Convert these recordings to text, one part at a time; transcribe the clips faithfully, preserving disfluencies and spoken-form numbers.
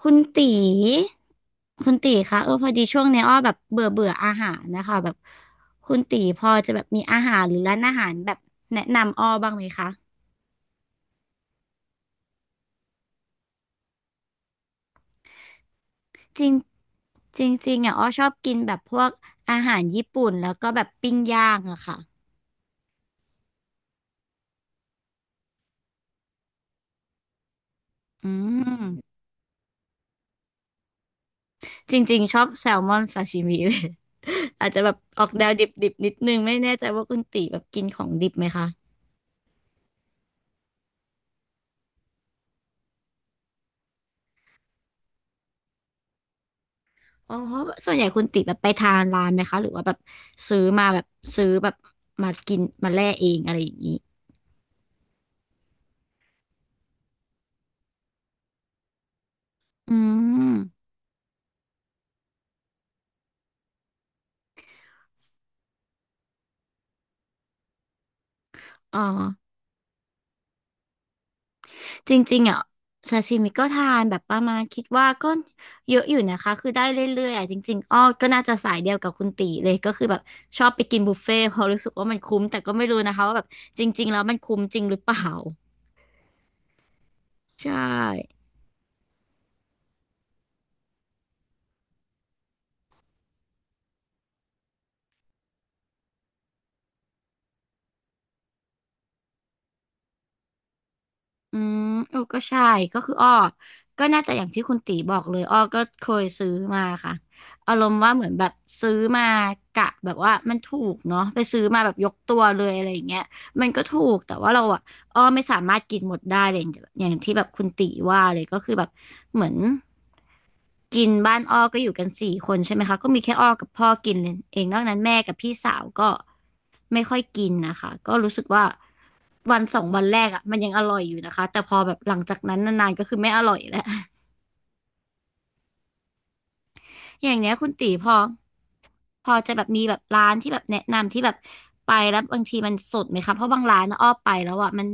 คุณตีคุณตีคะเออพอดีช่วงเนี้ยอ้อแบบเบื่อเบื่ออาหารนะคะแบบคุณตีพอจะแบบมีอาหารหรือร้านอาหารแบบแนะนำอ้อบ้างไหมคะจริงจริงจริงอ่ะอ้อชอบกินแบบพวกอาหารญี่ปุ่นแล้วก็แบบปิ้งย่างอะค่ะอืมจริงๆชอบแซลมอนซาชิมิเลย อาจจะแบบออกแนวดิบๆนิดนึงไม่แน่ใจว่าคุณตีแบบกินของดิบไหมคะ อ๋อเพราะส่วนใหญ่คุณติแบบไปทานร้านไหมคะหรือว่าแบบซื้อมาแบบซื้อแบบมากินมาแล่เองอะไรอย่างนี้อืมอ๋อจริงๆอ่ะซาชิมิก็ทานแบบประมาณคิดว่าก็เยอะอยู่นะคะคือได้เรื่อยๆอ่ะจริงๆอ้อก็น่าจะสายเดียวกับคุณตีเลยก็คือแบบชอบไปกินบุฟเฟ่ต์เพราะรู้สึกว่ามันคุ้มแต่ก็ไม่รู้นะคะว่าแบบจริงๆแล้วมันคุ้มจริงหรือเปล่า ใช่ อืมเออก็ใช่ก็คืออ้อก็น่าจะอย่างที่คุณตีบอกเลยอ้อก็เคยซื้อมาค่ะอารมณ์ว่าเหมือนแบบซื้อมากะแบบว่ามันถูกเนาะไปซื้อมาแบบยกตัวเลยอะไรอย่างเงี้ยมันก็ถูกแต่ว่าเราอะ อ้อไม่สามารถกินหมดได้เลยอย่างที่แบบคุณติว่าเลยก็คือแบบเหมือนกินบ้านอ้อก็อยู่กันสี่คนใช่ไหมคะก็มีแค่อ้อกับพ่อกินเองนอกนั้นแม่กับพี่สาวก็ไม่ค่อยกินนะคะก็รู้สึกว่าวันสองวันแรกอ่ะมันยังอร่อยอยู่นะคะแต่พอแบบหลังจากนั้นนานๆก็คือไม่อร่อยแล้ว อย่างเนี้ยคุณตีพอพอจะแบบมีแบบร้านที่แบบแนะนำที่แบบไปแล้วบางทีมันสดไหมคะเพราะบางร้านนะอ้อไปแล้วอ่ะมัน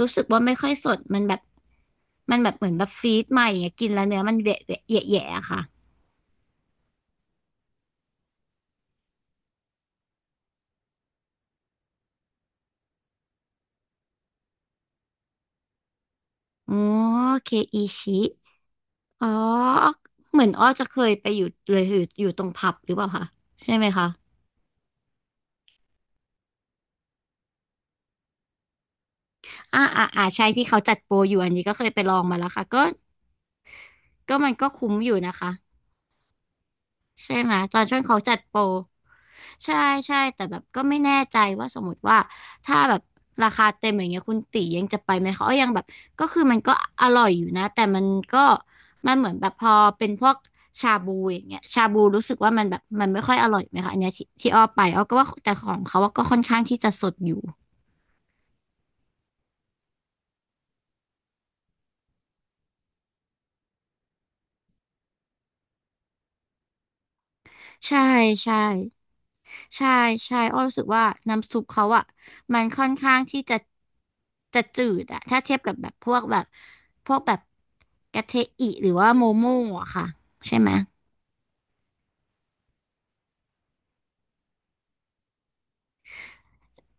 รู้สึกว่าไม่ค่อยสดมันแบบมันแบบเหมือนแบบฟีดใหม่อย่างเงี้ยกินแล้วเนื้อมันแหวะแหวะแหยะแหยะอะค่ะอ๋อเคอีชิอ๋อเหมือนอ้อจะเคยไปอยู่เลยอยู่อยู่ตรงผับหรือเปล่าคะใช่ไหมคะอ่าอ่าอ่าใช่ที่เขาจัดโปรอยู่อันนี้ก็เคยไปลองมาแล้วค่ะก็ก็มันก็คุ้มอยู่นะคะ ใช่ไหมตอนช่วงเขาจัดโปรใช่ใช่แต่แบบก็ไม่แน่ใจว่าสมมติว่าถ้าแบบราคาเต็มอย่างเงี้ยคุณตียังจะไปไหมเขายังแบบก็คือมันก็อร่อยอยู่นะแต่มันก็มันเหมือนแบบพอเป็นพวกชาบูอย่างเงี้ยชาบูรู้สึกว่ามันแบบมันไม่ค่อยอร่อยไหมคะอันเนี้ยที่ที่อ้อไปอ้อก็ว่าแต่ของเขาว่าก็ค่อนข้างที่จะสดอยู่ใช่ใช่ ใช่ใช่อ้อรู้สึกว่าน้ำซุปเขาอ่ะมันค่อนข้างที่จะจะจืดอะถ้าเทียบกับแบบพวกแบบพวกแบบกะเทอิหรือว่าโมโม่อะค่ะใช่ไหม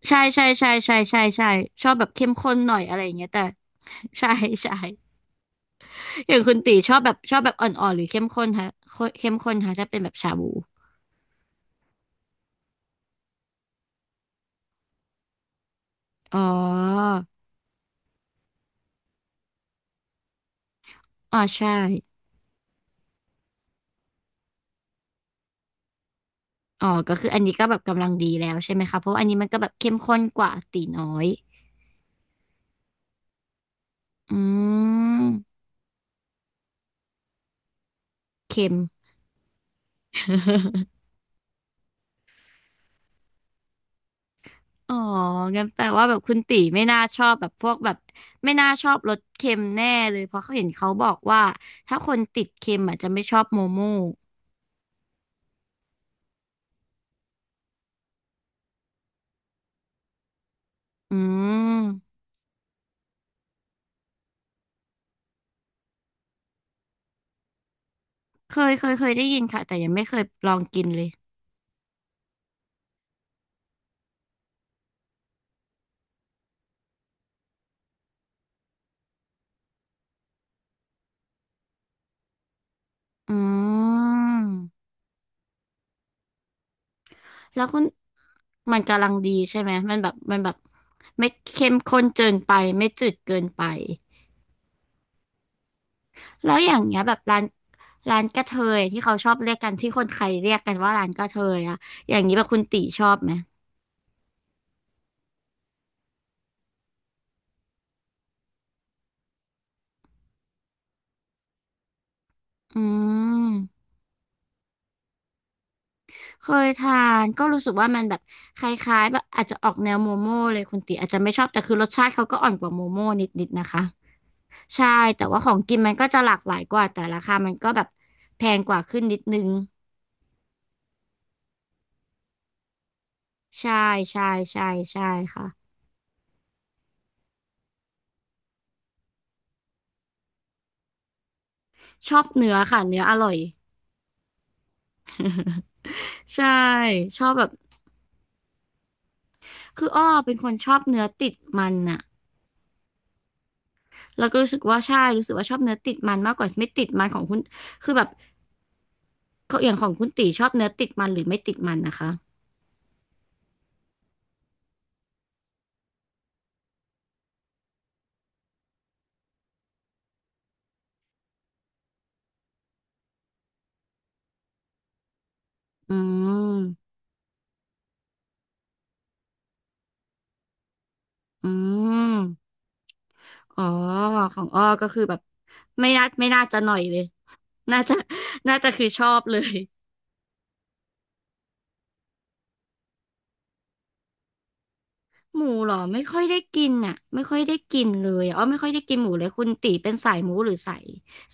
ใช่ใช่ใช่ใช่ใช่ใช่ชอบแบบเข้มข้นหน่อยอะไรอย่างเงี้ยแต่ใช่ใช่อย่างคุณตีชอบแบบชอบแบบอ่อนๆหรือเข้มข้นฮะเข้มข้นฮะถ้าเป็นแบบชาบูอ๋ออ๋อใช่อ๋อก็คืออันนี้ก็แบบกำลังดีแล้วใช่ไหมคะเพราะว่าอันนี้มันก็แบบเข้มข้นกว่าตีน้อยอืม เค็ม อ๋องั้นแปลว่าแบบคุณตีไม่น่าชอบแบบพวกแบบไม่น่าชอบรสเค็มแน่เลยเพราะเขาเห็นเขาบอกว่าถ้าคนติดเค็มอาจจะไม่ชอบโมโม่อืมเคยเคยเคยได้ยินค่ะแต่ยังไม่เคยลองกินเลยอืมแล้วคุณมันกำลังดีใช่ไหมมันแบบมันแบบไม่เค็มข้นเกินไปไม่จืดเกินไป แล้วอย่างเงี้ยแบบร้านร้านกระเทยที่เขาชอบเรียกกันที่คนไทยเรียกกันว่าร้านกระเทยอะอย่างนี้แบบคุณตีชอบไหมอืมเคยทานก็รู้สึกว่ามันแบบคล้ายๆแบบอาจจะออกแนวโมโม่เลยคุณตีอาจจะไม่ชอบแต่คือรสชาติเขาก็อ่อนกว่าโมโม่นิดๆนะคะใช่แต่ว่าของกินมันก็จะหลากหลายกว่าแต่ราคามันก็แบบแพงกว่าขึ้นนิดนึงใช่ใช่ใช่ใช่ค่ะชอบเนื้อค่ะเนื้ออร่อยใช่ชอบแบบคืออ้อเป็นคนชอบเนื้อติดมันอะ แล้วก็รู้สึกว่าใช่รู้สึกว่าชอบเนื้อติดมันมากกว่าไม่ติดมันของคุณคือแบบอย่างของคุณตีชอบเนื้อติดมันหรือไม่ติดมันนะคะอืมอืมอ๋อของอ้อก็คือแบบไม่น่าไม่น่าจะหน่อยเลยน่าจะน่าจะคือชอบเลยหมูเหรอไม่ค่อยได้กินอ่ะไม่ค่อยได้กินเลยอ้อไม่ค่อยได้กินหมูเลยคุณตีเป็นสายหมูหรือสาย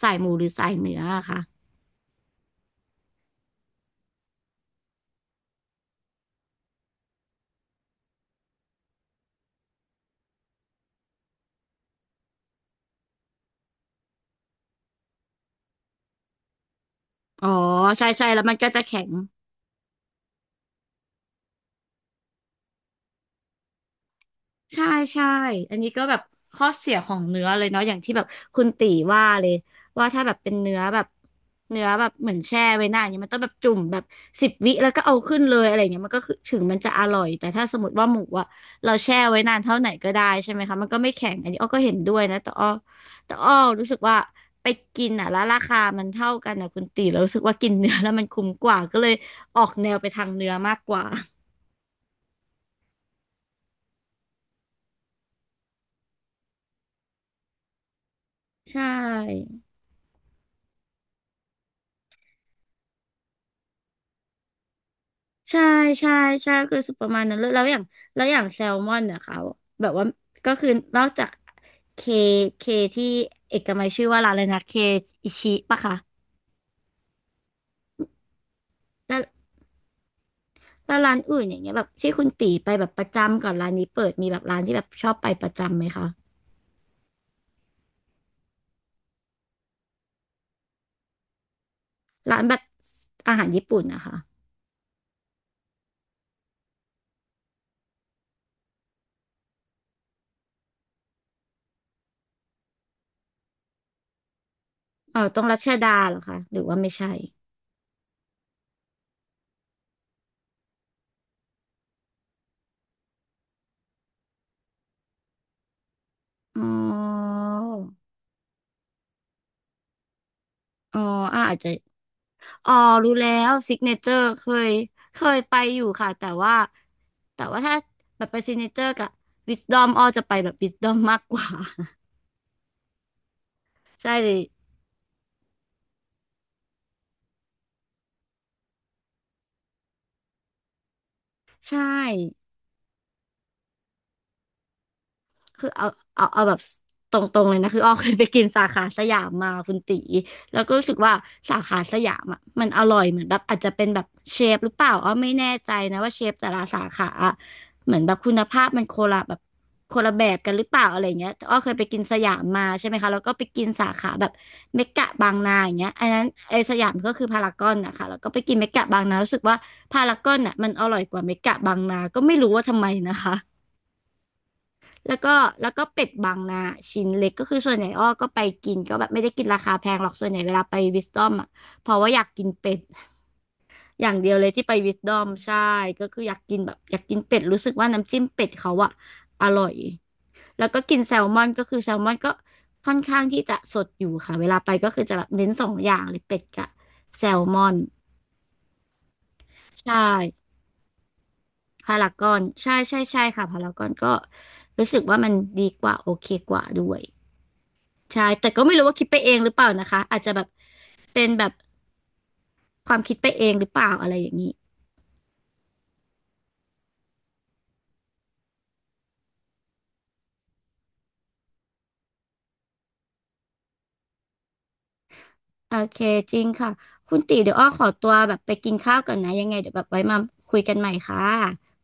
สายหมูหรือสายเนื้ออะคะอ๋อใช่ใช่แล้วมันก็จะแข็ง ใช่ใช่อันนี้ก็แบบข้อเสียของเนื้อเลยเนาะอย่างที่แบบคุณตีว่าเลยว่าถ้าแบบเป็นเนื้อแบบเนื้อแบบเหมือนแช่ไว้นานอย่างเงี้ยมันต้องแบบจุ่มแบบสิบวิแล้วก็เอาขึ้นเลยอะไรเงี้ยมันก็คือถึงมันจะอร่อยแต่ถ้าสมมติว่าหมูอะเราแช่ไว้นานเท่าไหนก็ได้ใช่ไหมคะมันก็ไม่แข็งอันนี้อ้อก็เห็นด้วยนะแต่อ้อแต่อ้อรู้สึกว่าไปกินอะแล้วราคามันเท่ากันอะคุณตีเรารู้สึกว่ากินเนื้อแล้วมันคุ้มกว่าก็เลยออกแนวไปทางเนื้อมากกว่าใช่ ใช่ใช่ใช่ก็รู้สึกประมาณนั้นเลยแล้วอย่างแล้วอย่างแซลมอนเนี่ยเขาแบบว่าก็คือนอกจากเคเคที่เอกมัยชื่อว่าร้านอะไรนะเคอิชิปะคะแล้วแล้วร้านอื่นอย่างเงี้ยแบบที่คุณตีไปแบบประจำก่อนร้านนี้เปิดมีแบบร้านที่แบบชอบไปประจำไหมคะร้านแบบอาหารญี่ปุ่นนะคะอ๋อตรงรัชดาเหรอคะหรือว่าไม่ใช่อ๋ออ๋ออาอาจจะ อ๋อรู้แล้วซิกเนเจอร์เคยเคยไปอยู่ค่ะแต่ว่าแต่ว่าถ้าแบบไปซิกเนเจอร์กับวิสดอมอ้อจะไปแบบวิสดอมมากกว่า ใช่เลยใช่ คือเอาเอาเอาแบบตรงๆเลยนะคืออ้อเคยไปกินสาขาสยามมาคุณตีแล้วก็รู้สึกว่าสาขาสยามอ่ะมันอร่อยเหมือนแบบอาจจะเป็นแบบเชฟหรือเปล่าอ้อไม่แน่ใจนะว่าเชฟแต่ละสาขาอะเหมือนแบบคุณภาพมันโคนละแบบคนละแบบกันหรือเปล่าอะไรเงี้ยแต่อ้อเคยไปกินสยามมาใช่ไหมคะแล้วก็ไปกินสาขาแบบเมกะบางนาอย่างเงี้ยอันนั้นไอสยามก็คือพารากอนนะคะแล้วก็ไปกินเมกะบางนารู้สึกว่าพารากอนอ่ะมันอร่อยกว่าเมกะบางนาก็ไม่รู้ว่าทำไมนะคะ แล้วก็แล้วก็เป็ดบางนาชิ้นเล็กก็คือส่วนใหญ่อ้อก็ไปกินก็แบบไม่ได้กินราคาแพงหรอกส่วนใหญ่เวลาไปวิสตอมอ่ะเพราะว่าอยากกินเป็ด อย่างเดียวเลยที่ไปวิสตอมใช่ก็คืออยากกินแบบอยากกินเป็ดรู้สึกว่าน้ำจิ้มเป็ดเขาอ่ะอร่อยแล้วก็กินแซลมอนก็คือแซลมอนก็ค่อนข้างที่จะสดอยู่ค่ะเวลาไปก็คือจะแบบเน้นสองอย่างเลยเป็ดกับแซลมอนใช่พารากอนใช่ใช่ใช่ค่ะพารากอนก็รู้สึกว่ามันดีกว่าโอเคกว่าด้วย ใช่แต่ก็ไม่รู้ว่าคิดไปเองหรือเปล่านะคะอาจจะแบบเป็นแบบความคิดไปเองหรือเปล่าอะไรอย่างนี้โอเคจริงค่ะคุณตีเดี๋ยวอ้อขอตัวแบบไปกินข้าวก่อนนะยังไงเดี๋ยวแบบไว้มาคุยกันใหม่ค่ะ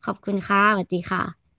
ขอบคุณค่ะสวัสดีค่ะ